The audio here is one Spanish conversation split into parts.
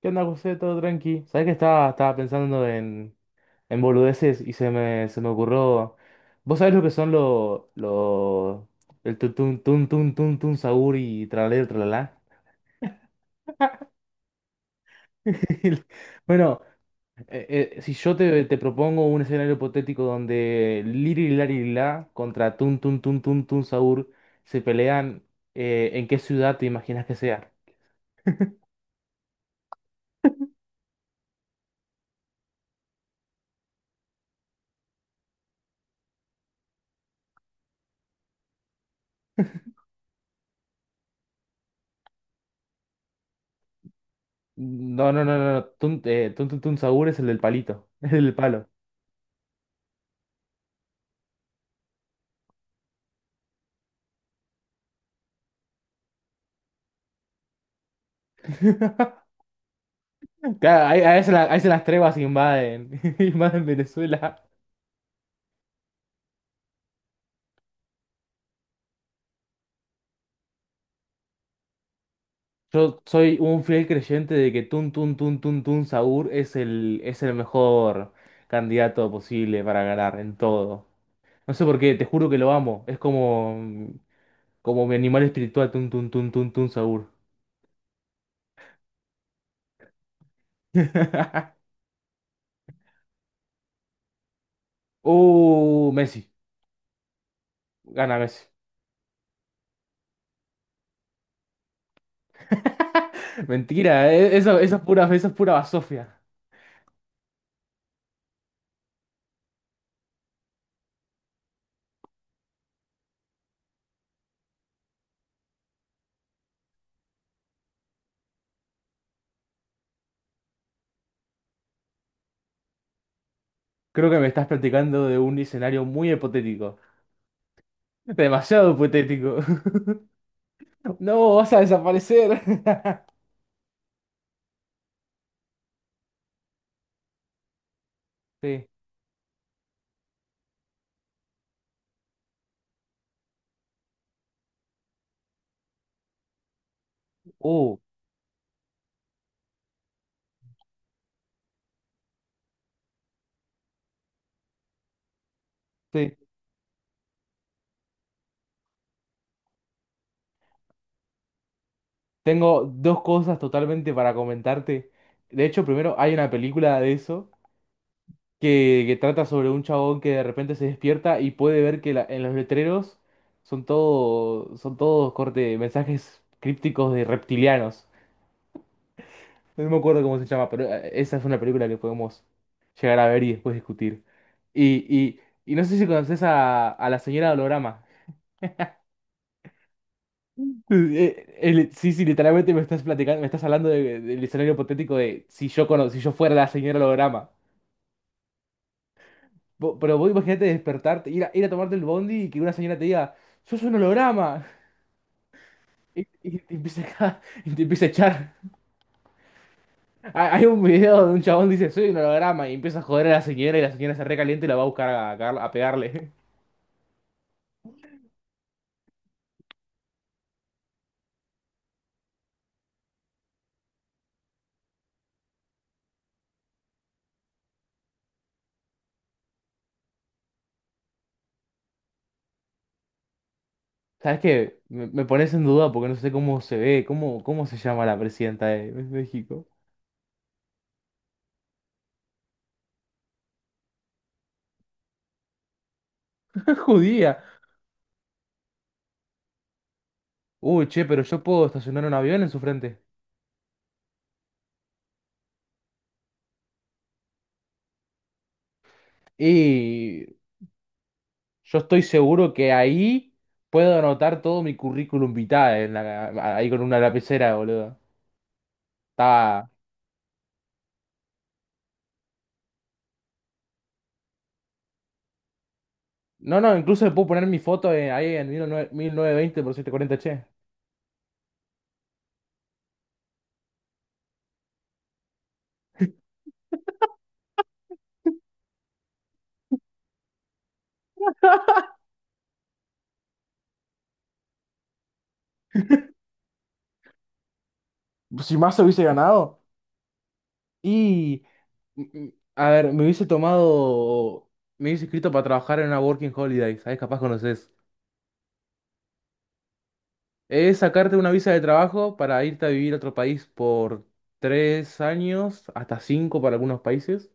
¿Qué onda, José? Todo tranqui. ¿Sabés que estaba pensando en boludeces y se me ocurrió? ¿Vos sabés lo que son el tun tun tun tun tun tun saur y tralalero y tralalá? Bueno, si yo te propongo un escenario hipotético donde Liri Lari La contra Tun Tun Tun Tun Tun Saur se pelean, ¿en qué ciudad te imaginas que sea? No, no, no, no, no, Tun Tun Tun Saur es el del palito, es el del palo. Claro, ahí se las trevas invaden, invaden Venezuela. Yo soy un fiel creyente de que Tun Tun Tun Tun Tun Saur es el mejor candidato posible para ganar en todo. No sé por qué, te juro que lo amo. Es como, como mi animal espiritual, Tun Tun Tun Tun Tun Saur. Messi, gana Messi. Mentira, eso es pura basofia. Creo que me estás platicando de un escenario muy hipotético. Demasiado hipotético. No, vas a desaparecer. Sí. Uh, sí. Tengo dos cosas totalmente para comentarte. De hecho, primero hay una película de eso que trata sobre un chabón que de repente se despierta y puede ver que la- en los letreros son todos corte, mensajes crípticos de reptilianos. No me acuerdo cómo se llama, pero esa es una película que podemos llegar a ver y después discutir. Y, y, y no sé si conoces a la señora Holograma. Sí, sí, literalmente me estás platicando, me estás hablando del escenario hipotético de si yo cono- si yo fuera la señora holograma. Pero vos imagínate despertarte, ir a, ir a tomarte el bondi y que una señora te diga, sos un holograma. Y te empieza a, y te empieza a echar. Hay un video de un chabón dice, soy un holograma, y empieza a joder a la señora y la señora se recalienta y la va a buscar a pegarle. ¿Sabes qué? Me pones en duda porque no sé cómo se ve, cómo se llama la presidenta de México. Es judía. Uy, che, pero yo puedo estacionar un avión en su frente. Y yo estoy seguro que ahí puedo anotar todo mi currículum vitae ahí con una lapicera, boludo. Estaba. No, no, incluso le puedo poner mi foto ahí en 1920 por 740, che. Si más hubiese ganado. Y. mm, mm, A ver, me hubiese tomado. Me hubiese inscrito para trabajar en una Working Holiday. ¿Sabes? Capaz conoces. Es sacarte una visa de trabajo para irte a vivir a otro país por 3 años, hasta cinco para algunos países.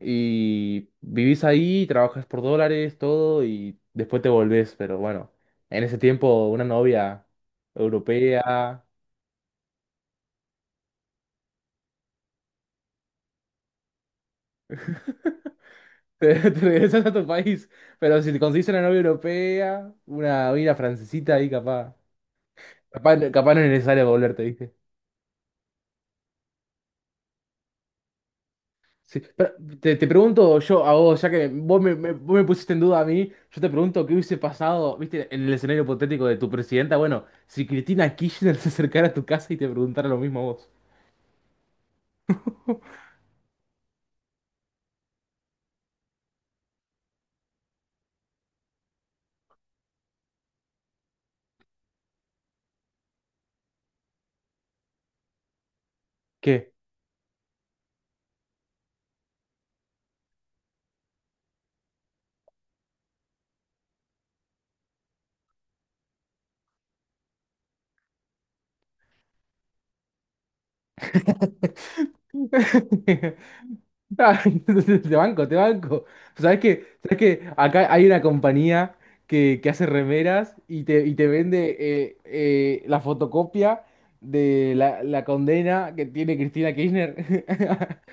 Y vivís ahí, trabajas por dólares, todo, y después te volvés. Pero bueno, en ese tiempo una novia europea, te regresas a tu país. Pero si te conseguís una novia europea, una francesita ahí capaz. Capaz, capaz no es necesario volverte. Sí, pero te pregunto yo a vos, ya que vos me pusiste en duda a mí, yo te pregunto qué hubiese pasado, viste, en el escenario hipotético de tu presidenta, bueno, si Cristina Kirchner se acercara a tu casa y te preguntara lo mismo a vos. ¿Qué? Ah, te banco, te banco. ¿Sabes qué? Acá hay una compañía que hace remeras y te vende la fotocopia de la condena que tiene Cristina Kirchner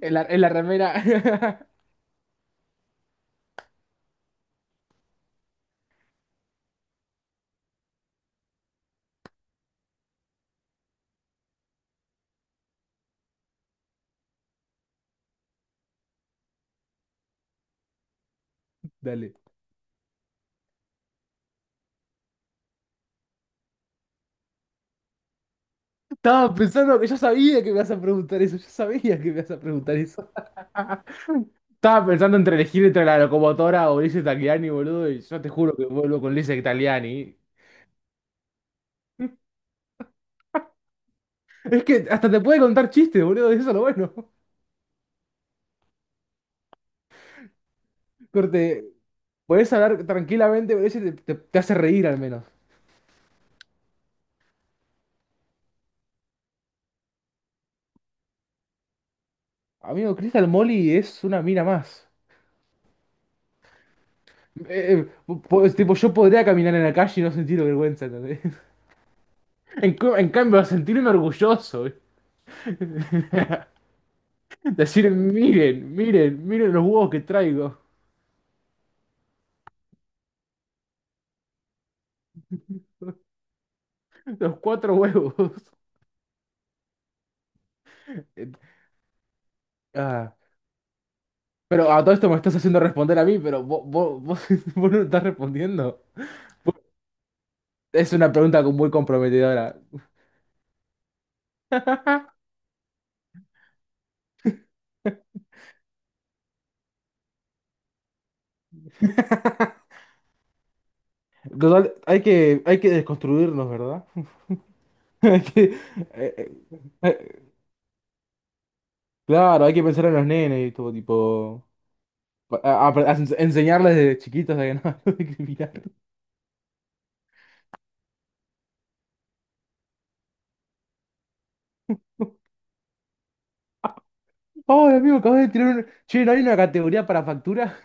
en la remera. Dale. Estaba pensando que yo sabía que me ibas a preguntar eso. Yo sabía que me ibas a preguntar eso. Estaba pensando entre elegir entre la locomotora o Lisa Italiani, boludo, y yo te juro que vuelvo con Lisa Italiani. Es que hasta te puede contar chistes, boludo, eso es lo bueno. Corte, podés hablar tranquilamente, ese te hace reír al menos. Amigo, Crystal Molly es una mina más. Eh, eh, tipo, yo podría caminar en la calle y no sentir vergüenza, ¿entendés? En cambio, a sentirme orgulloso, ¿eh? Decir, miren, miren, miren los huevos que traigo. Los cuatro huevos. Eh, ah, pero a todo esto me estás haciendo responder a mí, pero vos, vos no estás respondiendo. Es una pregunta muy comprometedora. Total, hay que desconstruirnos, ¿verdad? Hay que- eh, eh, eh, claro, hay que pensar en los nenes y todo tipo. Enseñarles desde chiquitos a que no hay que discriminar. Oh, amigo, acabo de tirar un. Che, ¿no hay una categoría para factura?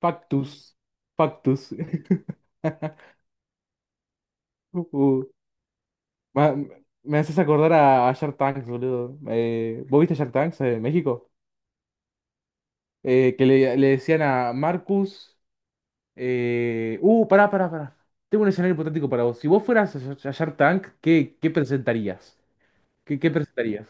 Factus. Factus. Uh, ma- me haces acordar a Shark Tanks, boludo. ¿Vos viste Shark Tanks en México? Que le decían a Marcus. Pará, pará, pará. Tengo un escenario hipotético para vos. Si vos fueras a Shark Tank, ¿qué presentarías? ¿Qué presentarías?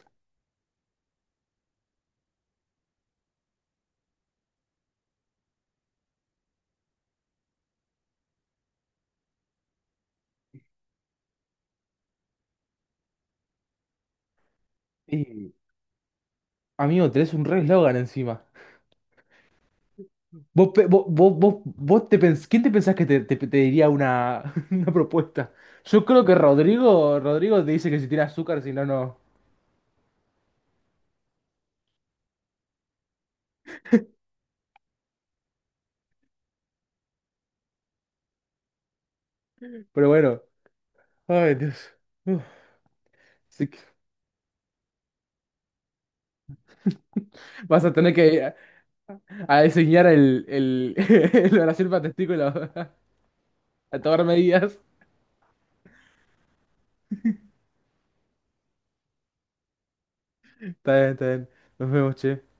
Y, amigo, tenés un re eslogan encima. ¿Vos, pe- vos, vos, vos, vos te pens- ¿quién te pensás que te diría una, una propuesta? Yo creo que Rodrigo te dice que si tiene azúcar, si no, no. Pero bueno. Ay, Dios. Uf. Así que vas a tener que a diseñar el, el oración para testículo, a tomar medidas. Está bien, está bien. Nos vemos, che.